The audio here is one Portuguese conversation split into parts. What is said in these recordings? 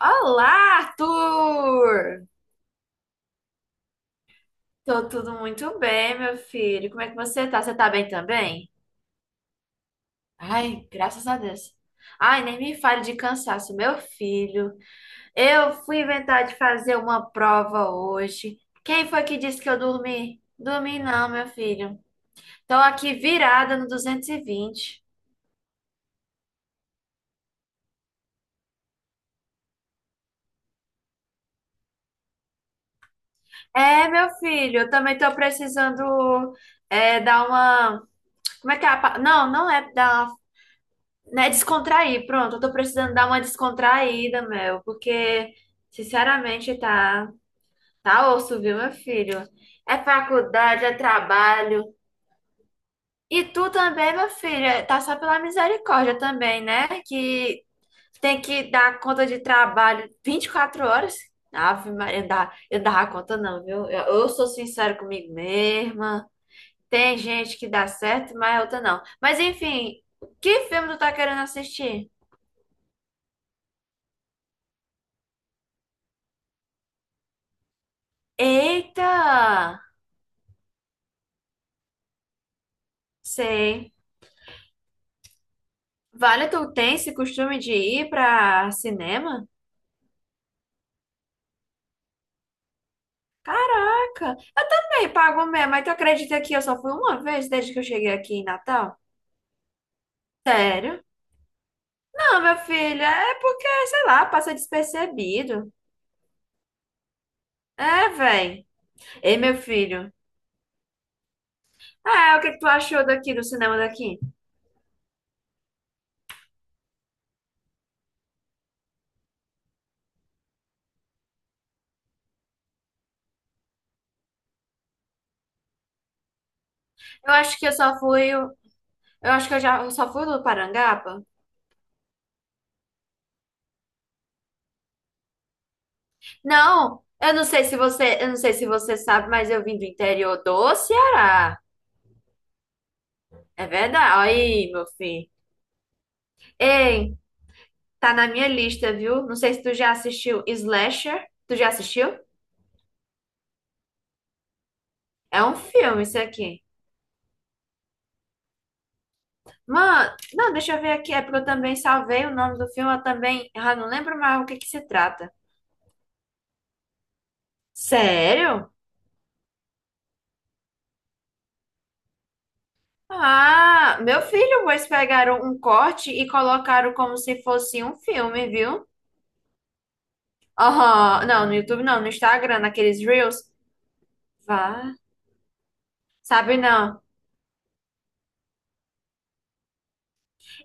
Olá, Arthur! Tô tudo muito bem, meu filho. Como é que você tá? Você tá bem também? Ai, graças a Deus. Ai, nem me fale de cansaço, meu filho. Eu fui inventar de fazer uma prova hoje. Quem foi que disse que eu dormi? Dormi não, meu filho. Tô aqui virada no 220. É, meu filho, eu também tô precisando é, dar uma. Como é que é? Não, não é dar. Né, descontrair, pronto, eu tô precisando dar uma descontraída, meu, porque, sinceramente, tá, tá osso, viu, meu filho? É faculdade, é trabalho. E tu também, meu filho, tá só pela misericórdia também, né? Que tem que dar conta de trabalho 24 horas. Ave Maria, eu dava conta não, viu? Eu sou sincera comigo mesma. Tem gente que dá certo, mas outra não. Mas enfim, que filme tu tá querendo assistir? Eita! Sei. Vale, tu tem esse costume de ir pra cinema? Caraca! E aí, pago mesmo, mas tu acredita que eu só fui uma vez desde que eu cheguei aqui em Natal? Sério? Não, meu filho, é porque, sei lá, passa despercebido. É, véi. Ei, meu filho. Ah, o que que tu achou daqui, do cinema daqui? Eu acho que eu só fui. Eu acho que eu só fui no Parangaba. Não, eu não sei se você sabe, mas eu vim do interior do Ceará. É verdade. Olha aí, meu filho. Ei, tá na minha lista, viu? Não sei se tu já assistiu Slasher. Tu já assistiu? É um filme isso aqui. Mano, não, deixa eu ver aqui. É porque eu também salvei o nome do filme. Eu também não lembro mais o que que se trata. Sério? Ah, meu filho, pois pegaram um corte e colocaram como se fosse um filme, viu? Oh, não, no YouTube não, no Instagram, naqueles Reels. Vá, sabe não.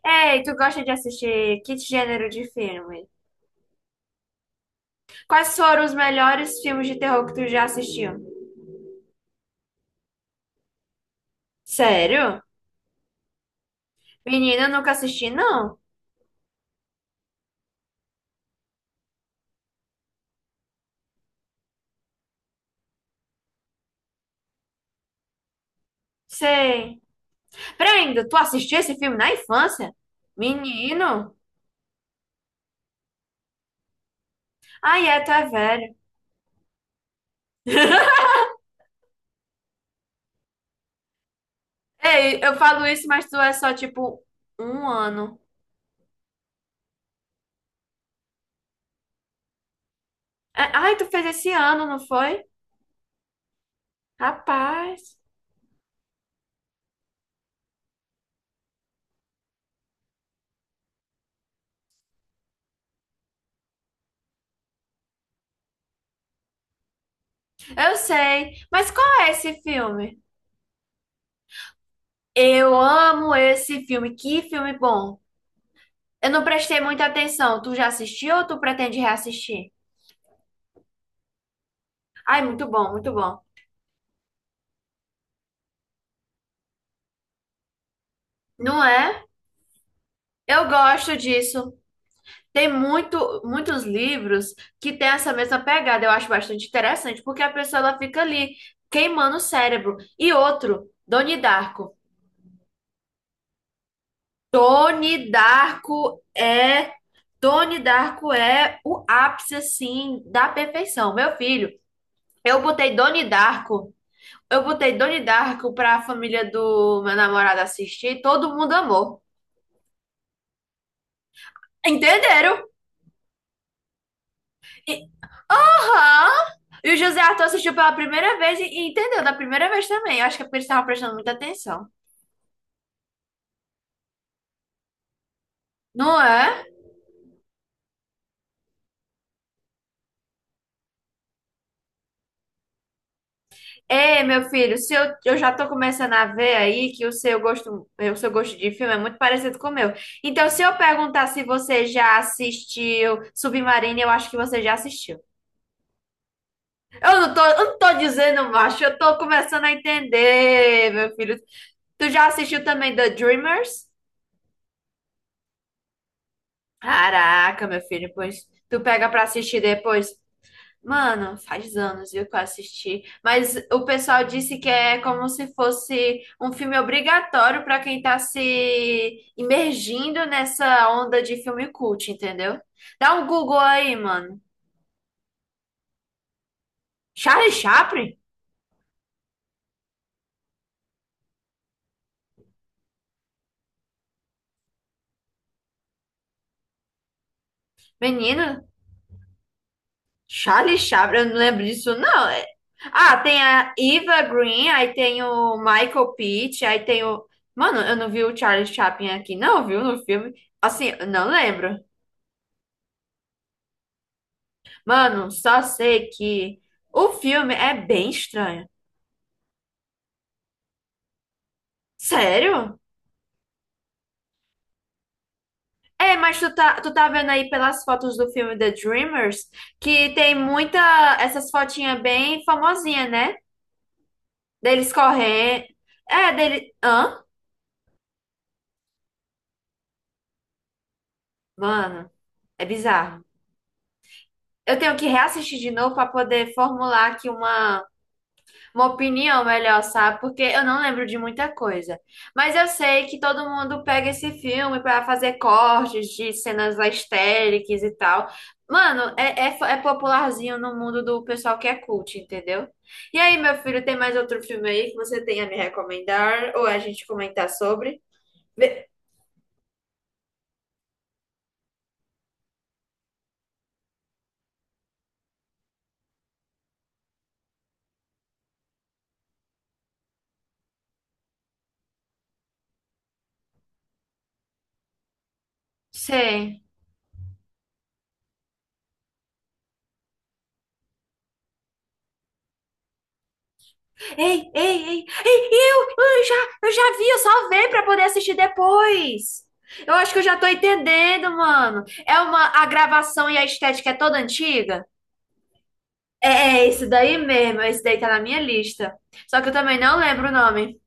Ei, tu gosta de assistir que gênero de filme? Quais foram os melhores filmes de terror que tu já assistiu? Sério? Menina, eu nunca assisti, não. Sei. Peraí, ainda, tu assistiu esse filme na infância? Menino? Ai, é, tu é velho. Ei, eu falo isso, mas tu é só, tipo, um ano. É. Ai, tu fez esse ano, não foi? Rapaz. Eu sei. Mas qual é esse filme? Eu amo esse filme. Que filme bom. Eu não prestei muita atenção. Tu já assistiu ou tu pretende reassistir? Ai, muito bom, muito bom. Não é? Eu gosto disso. Tem muitos livros que têm essa mesma pegada. Eu acho bastante interessante, porque a pessoa ela fica ali queimando o cérebro. E outro, Doni Darko. Doni Darko é Doni Darko é o ápice assim da perfeição. Meu filho, eu botei Doni Darko, eu botei Doni Darko para a família do meu namorado assistir, todo mundo amou. Entenderam? Hã? E o José Arthur assistiu pela primeira vez e entendeu da primeira vez também. Eu acho que é porque eles estavam prestando muita atenção. Não é? Ei, meu filho, se eu, eu já tô começando a ver aí que o seu gosto de filme é muito parecido com o meu. Então, se eu perguntar se você já assistiu Submarino, eu acho que você já assistiu. Eu não tô dizendo, macho, eu tô começando a entender, meu filho. Tu já assistiu também The Dreamers? Caraca, meu filho, pois tu pega pra assistir depois. Mano, faz anos, viu, que eu assisti. Mas o pessoal disse que é como se fosse um filme obrigatório para quem tá se imergindo nessa onda de filme cult, entendeu? Dá um Google aí, mano. Charlie Chaplin? Menino, Charlie Chaplin, eu não lembro disso, não. Ah, tem a Eva Green, aí tem o Michael Pitt, aí tem o. Mano, eu não vi o Charlie Chaplin aqui, não, viu, no filme. Assim, eu não lembro. Mano, só sei que o filme é bem estranho. Sério? É, mas tu tá vendo aí pelas fotos do filme The Dreamers que tem muita essas fotinhas bem famosinhas, né? Deles correndo. É, dele. Hã? Mano, é bizarro. Eu tenho que reassistir de novo pra poder formular aqui uma opinião melhor, sabe? Porque eu não lembro de muita coisa. Mas eu sei que todo mundo pega esse filme pra fazer cortes de cenas histéricas e tal. Mano, é popularzinho no mundo do pessoal que é cult, entendeu? E aí, meu filho, tem mais outro filme aí que você tem a me recomendar ou a gente comentar sobre? Vê- Sei. Ei, ei, ei, ei, eu já vi, eu salvei pra poder assistir depois. Eu acho que eu já tô entendendo, mano. É uma, a gravação e a estética é toda antiga? É, é esse daí mesmo, esse daí tá na minha lista. Só que eu também não lembro o nome.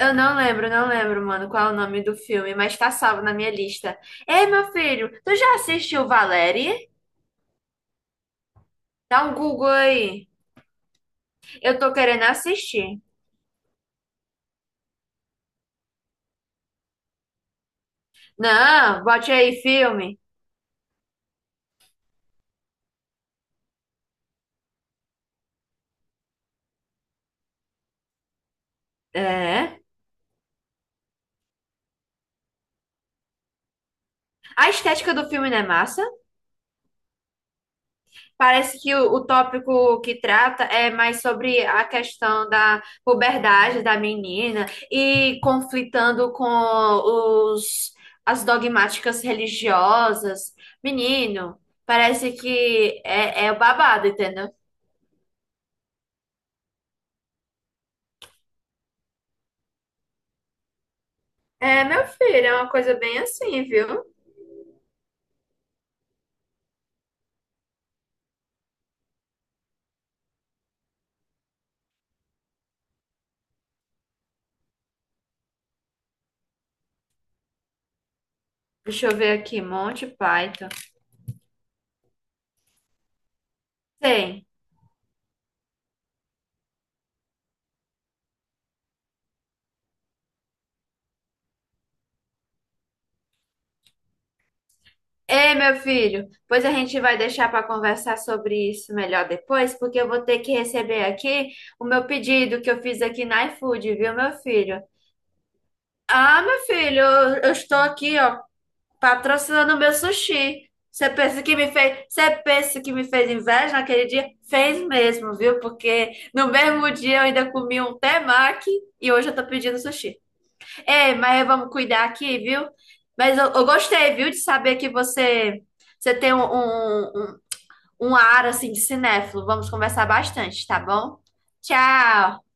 Eu não lembro, não lembro, mano, qual é o nome do filme, mas tá salvo na minha lista. Ei, meu filho, tu já assistiu Valérie? Dá um Google aí. Eu tô querendo assistir. Não, bote aí filme. É. A estética do filme não é massa. Parece que o tópico que trata é mais sobre a questão da puberdade da menina e conflitando com os, as dogmáticas religiosas. Menino, parece que é, é o babado, entendeu? É, meu filho, é uma coisa bem assim, viu? Deixa eu ver aqui, Monty Python. Tem. Ei, meu filho, pois a gente vai deixar para conversar sobre isso melhor depois, porque eu vou ter que receber aqui o meu pedido que eu fiz aqui na iFood, viu, meu filho? Ah, meu filho, eu estou aqui, ó, patrocinando o meu sushi. Você pensa que me fez inveja naquele dia? Fez mesmo, viu? Porque no mesmo dia eu ainda comi um temaki e hoje eu tô pedindo sushi. É, mas é, vamos cuidar aqui, viu? Mas eu gostei, viu, de saber que você, você tem um ar assim de cinéfilo. Vamos conversar bastante, tá bom? Tchau!